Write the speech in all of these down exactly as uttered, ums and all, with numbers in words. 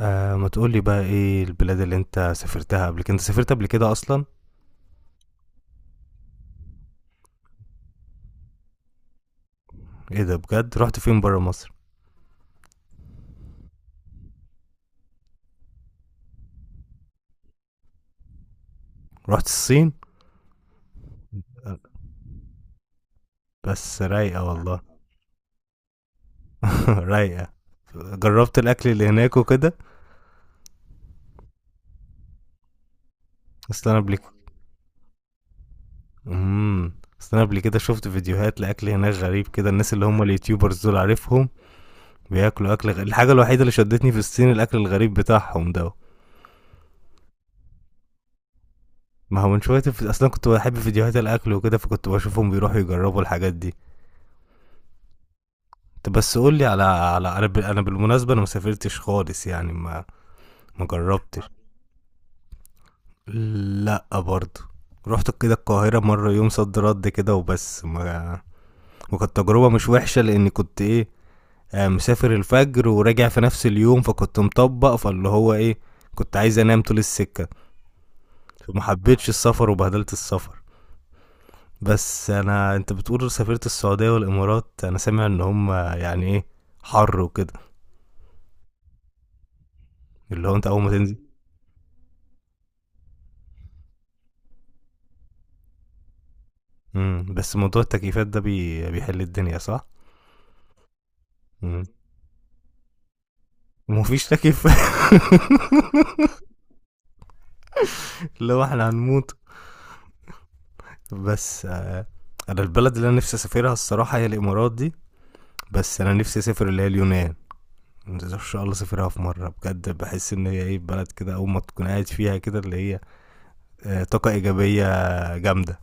آه ما تقولي بقى ايه البلاد اللي انت سافرتها قبل كده؟ انت سافرت قبل كده اصلا؟ ايه ده؟ بجد؟ رحت فين برا مصر؟ رحت الصين؟ آه، بس رايقة والله. رايقة. جربت الاكل اللي هناك وكده. اصل انا قبل امم اصل انا قبل كده شفت فيديوهات لاكل هناك غريب كده، الناس اللي هم اليوتيوبرز دول عارفهم بياكلوا اكل غ... الحاجة الوحيدة اللي شدتني في الصين الاكل الغريب بتاعهم ده. ما هو من شوية الف- اصلا كنت بحب فيديوهات الاكل وكده، فكنت بشوفهم بيروحوا يجربوا الحاجات دي. طب بس قول لي على على انا ب- أنا بالمناسبة انا ما سافرتش خالص يعني ما ما جربتش. لا برضه، رحت كده القاهرة مرة يوم صد رد كده وبس ما، وكانت تجربة مش وحشة لأني كنت إيه، آه، مسافر الفجر وراجع في نفس اليوم، فكنت مطبق فاللي هو إيه، كنت عايز أنام طول السكة، فما حبيتش السفر وبهدلت السفر. بس أنا أنت بتقول سافرت السعودية والإمارات، أنا سامع إن هم يعني إيه، حر وكده، اللي هو أنت أول ما تنزل. امم بس موضوع التكييفات ده بي... بيحل الدنيا، صح؟ امم ومفيش تكييف. لو احنا هنموت. بس آه، انا البلد اللي انا نفسي اسافرها الصراحة هي الامارات دي. بس انا نفسي اسافر اللي هي اليونان، ان شاء الله اسافرها في مرة. بجد بحس ان هي ايه، بلد كده اول ما تكون قاعد فيها كده اللي هي آه، طاقة ايجابية جامدة.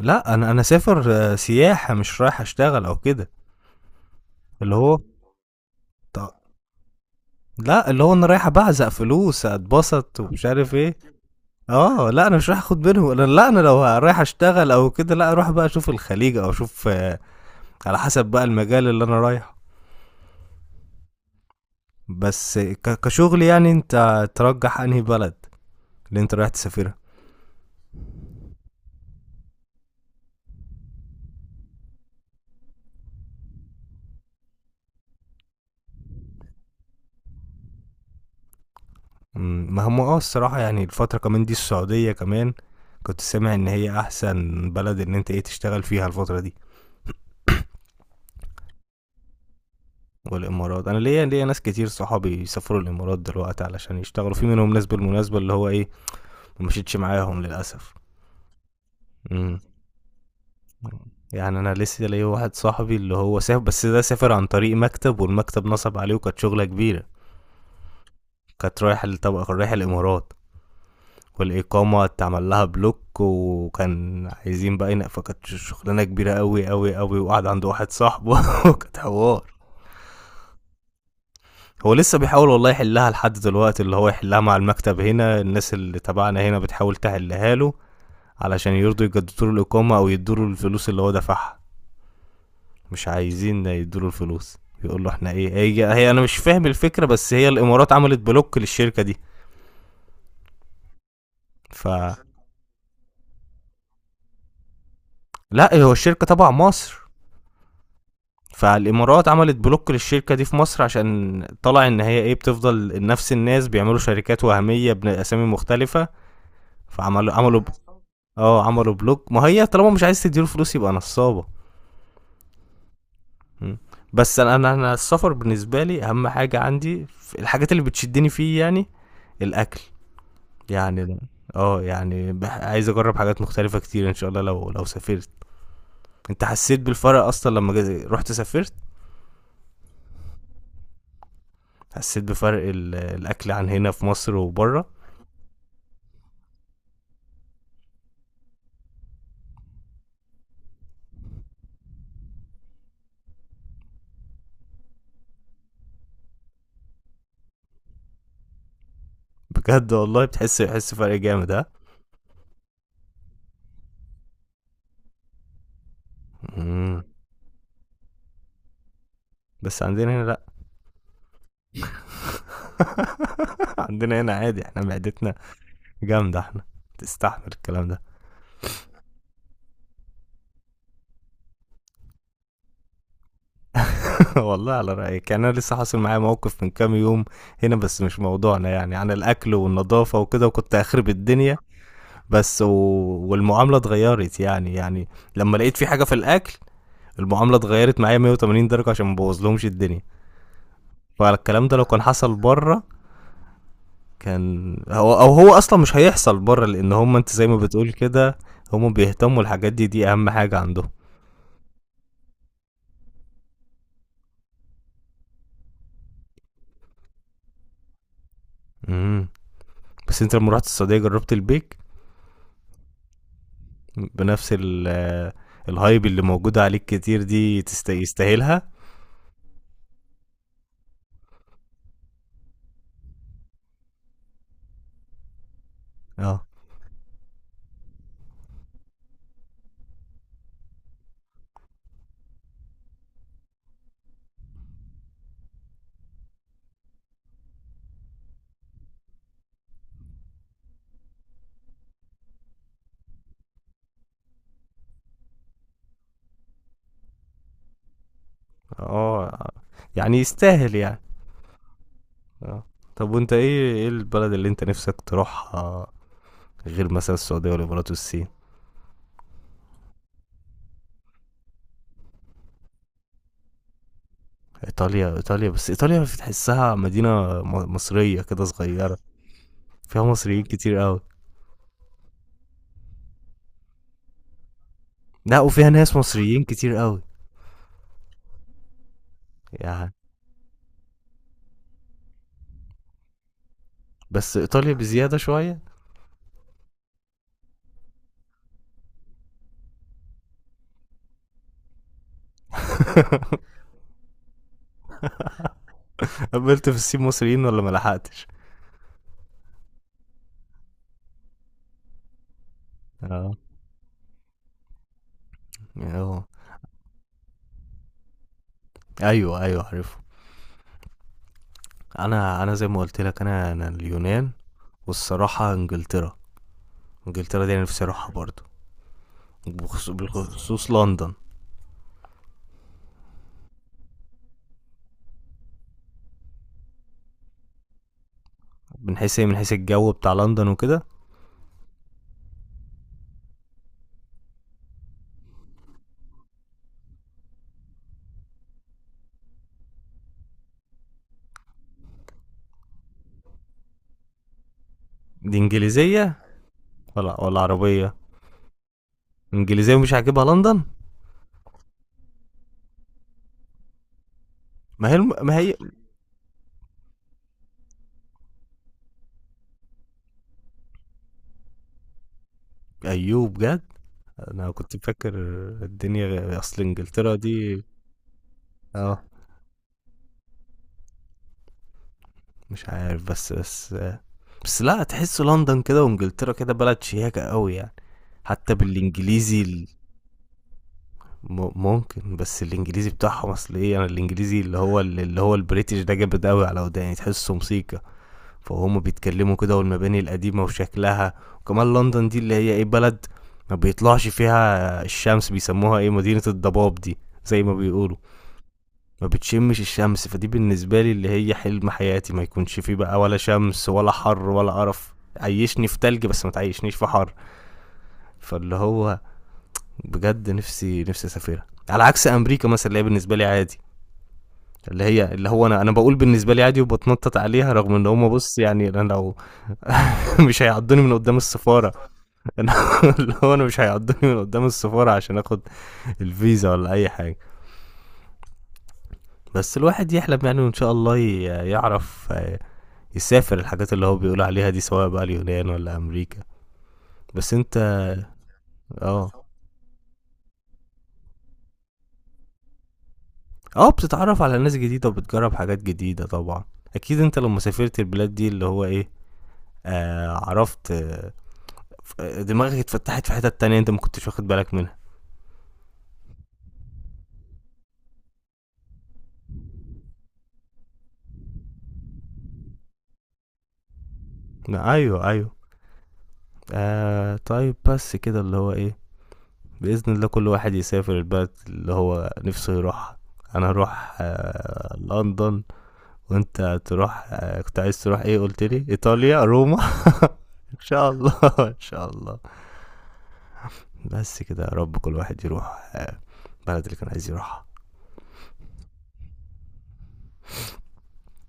لا انا انا سافر آه، سياحة، مش رايح اشتغل او كده. اللي هو ط- لا، اللي هو انا رايح ابعزق فلوس اتبسط ومش عارف ايه. اه لا، انا مش رايح اخد بينهم. انا لا، انا لو رايح اشتغل او كده، لا اروح بقى اشوف الخليج او اشوف، آه، على حسب بقى المجال اللي انا رايحه. بس ك- كشغل يعني، انت ترجح انهي بلد اللي انت رايح تسافرها؟ مم، ما هم اه الصراحة يعني الفترة كمان دي السعودية كمان، كنت سامع ان هي احسن بلد ان انت ايه، تشتغل فيها الفترة دي. والامارات، انا ليا ليا ناس كتير صحابي بيسافروا الامارات دلوقتي علشان يشتغلوا، في منهم ناس بالمناسبة اللي هو ايه، ما مشيتش معاهم للاسف. مم. يعني انا لسه ليا واحد صاحبي اللي هو سافر، بس ده سافر عن طريق مكتب والمكتب نصب عليه وكانت شغلة كبيرة. كانت رايح طبعا، كان رايح الامارات والاقامة اتعمل لها بلوك وكان عايزين بقى ينق، فكانت شغلانة كبيرة قوي قوي قوي، وقعد عند واحد صاحبه وكانت حوار. هو لسه بيحاول والله يحلها لحد دلوقتي، اللي هو يحلها مع المكتب. هنا الناس اللي تبعنا هنا بتحاول تحلها له، علشان يرضوا يجددوا له الإقامة أو يدوا له الفلوس اللي هو دفعها. مش عايزين يدوله الفلوس، يقول له احنا ايه، هي, هي انا مش فاهم الفكره، بس هي الامارات عملت بلوك للشركه دي. ف لا، هو الشركه تبع مصر. فالامارات عملت بلوك للشركه دي في مصر، عشان طلع ان هي ايه، بتفضل نفس الناس بيعملوا شركات وهميه باسامي مختلفه. فعملوا عملوا ب... اه، عملوا بلوك. ما هي طالما مش عايز تديله فلوس يبقى نصابه. م. بس انا انا أنا السفر بالنسبه لي اهم حاجه عندي، في الحاجات اللي بتشدني فيه يعني الاكل. يعني لا. اه يعني بح... عايز اجرب حاجات مختلفة كتير ان شاء الله لو لو سافرت. انت حسيت بالفرق اصلا لما جا- رحت سافرت؟ حسيت بفرق ال... الاكل عن هنا في مصر وبره؟ بجد والله بتحس، بحس فرق جامد، ها؟ مم. بس عندنا هنا لا. عندنا هنا عادي، احنا معدتنا جامدة احنا، تستحمل الكلام ده. والله على رأيك. يعني انا لسه حاصل معايا موقف من كام يوم هنا، بس مش موضوعنا، يعني عن الاكل والنظافة وكده، وكنت اخرب الدنيا. بس و... والمعامله اتغيرت يعني يعني لما لقيت في حاجه في الاكل، المعامله اتغيرت معايا مية وتمانين درجة درجه، عشان ما بوظلهمش الدنيا. فالكلام ده لو كان حصل بره، كان هو او هو اصلا مش هيحصل بره، لان هم انت زي ما بتقول كده، هم بيهتموا الحاجات دي، دي اهم حاجه عندهم. امم بس انت لما رحت السعوديه جربت البيك؟ بنفس ال آه، الهايب اللي موجوده عليك كتير دي، تست... يستاهلها؟ اه اه. يعني يستاهل يعني؟ اه. طب وانت ايه، ايه البلد اللي انت نفسك تروحها غير مثلا السعودية والامارات والصين؟ ايطاليا؟ ايطاليا، بس ايطاليا بتحسها مدينة م- مصرية كده صغيرة، فيها مصريين كتير قوي. لا، وفيها ناس مصريين كتير قوي يعني، بس ايطاليا بزيادة شوية. قابلت في الصين مصريين ولا ما لحقتش؟ اه. اه. ايوه ايوه، عارفه. انا، انا زي ما قلت لك، انا انا اليونان، والصراحة انجلترا. انجلترا دي انا نفسي اروحها برضو، وبخصوص- بالخصوص لندن. من حيث ايه؟ من حيث الجو بتاع لندن وكده؟ دي انجليزيه ولا ولا عربيه؟ انجليزيه ومش عاجبها لندن؟ ما هي الم... ما هي ايوه بجد. انا كنت فاكر الدنيا غ- اصل انجلترا دي، اه، مش عارف. بس بس بس لا، تحس لندن كده وانجلترا كده بلد شياكه قوي يعني. حتى بالانجليزي ال- م- ممكن. بس الانجليزي بتاعهم، اصل ايه، انا الانجليزي اللي هو اللي هو البريتش ده جامد قوي على وداني، تحسه موسيقى، فهم بيتكلموا كده، والمباني القديمة وشكلها. وكمان لندن دي اللي هي ايه، بلد ما بيطلعش فيها الشمس، بيسموها ايه، مدينة الضباب دي، زي ما بيقولوا، ما بتشمش الشمس. فدي بالنسبة لي اللي هي حلم حياتي، ما يكونش فيه بقى ولا شمس ولا حر ولا قرف، عيشني في تلج بس ما تعيشنيش في حر. فاللي هو بجد نفسي نفسي اسافرها، على عكس امريكا مثلا اللي هي بالنسبة لي عادي. اللي هي اللي هو انا، انا باقول بالنسبه لي عادي وبتنطط عليها، رغم ان هم بص يعني، انا لو مش هيعضوني من قدام السفاره. انا، اللي هو انا مش هيعضوني من قدام السفاره عشان اخد الفيزا ولا اي حاجه. بس الواحد يحلم يعني، وان شاء الله ي- يعرف آه، يسافر الحاجات اللي هو بيقول عليها دي، سواء بقى اليونان ولا امريكا. بس انت، اه اه، بتتعرف على ناس جديده وبتجرب حاجات جديده طبعا. اكيد انت لما سافرت البلاد دي اللي هو ايه، آه عرفت، آه ف- دماغك اتفتحت في حتت تانية انت ما كنتش واخد بالك منها. لا، ايوه ايوه. آه طيب، بس كده اللي هو ايه، بإذن الله كل واحد يسافر البلد اللي هو نفسه يروحها. انا هروح آه لندن، وانت تروح آه كنت عايز تروح ايه، قلت لي ايطاليا، روما. ان شاء الله ان شاء الله. بس كده يا رب كل واحد يروح البلد اللي كان عايز يروحها.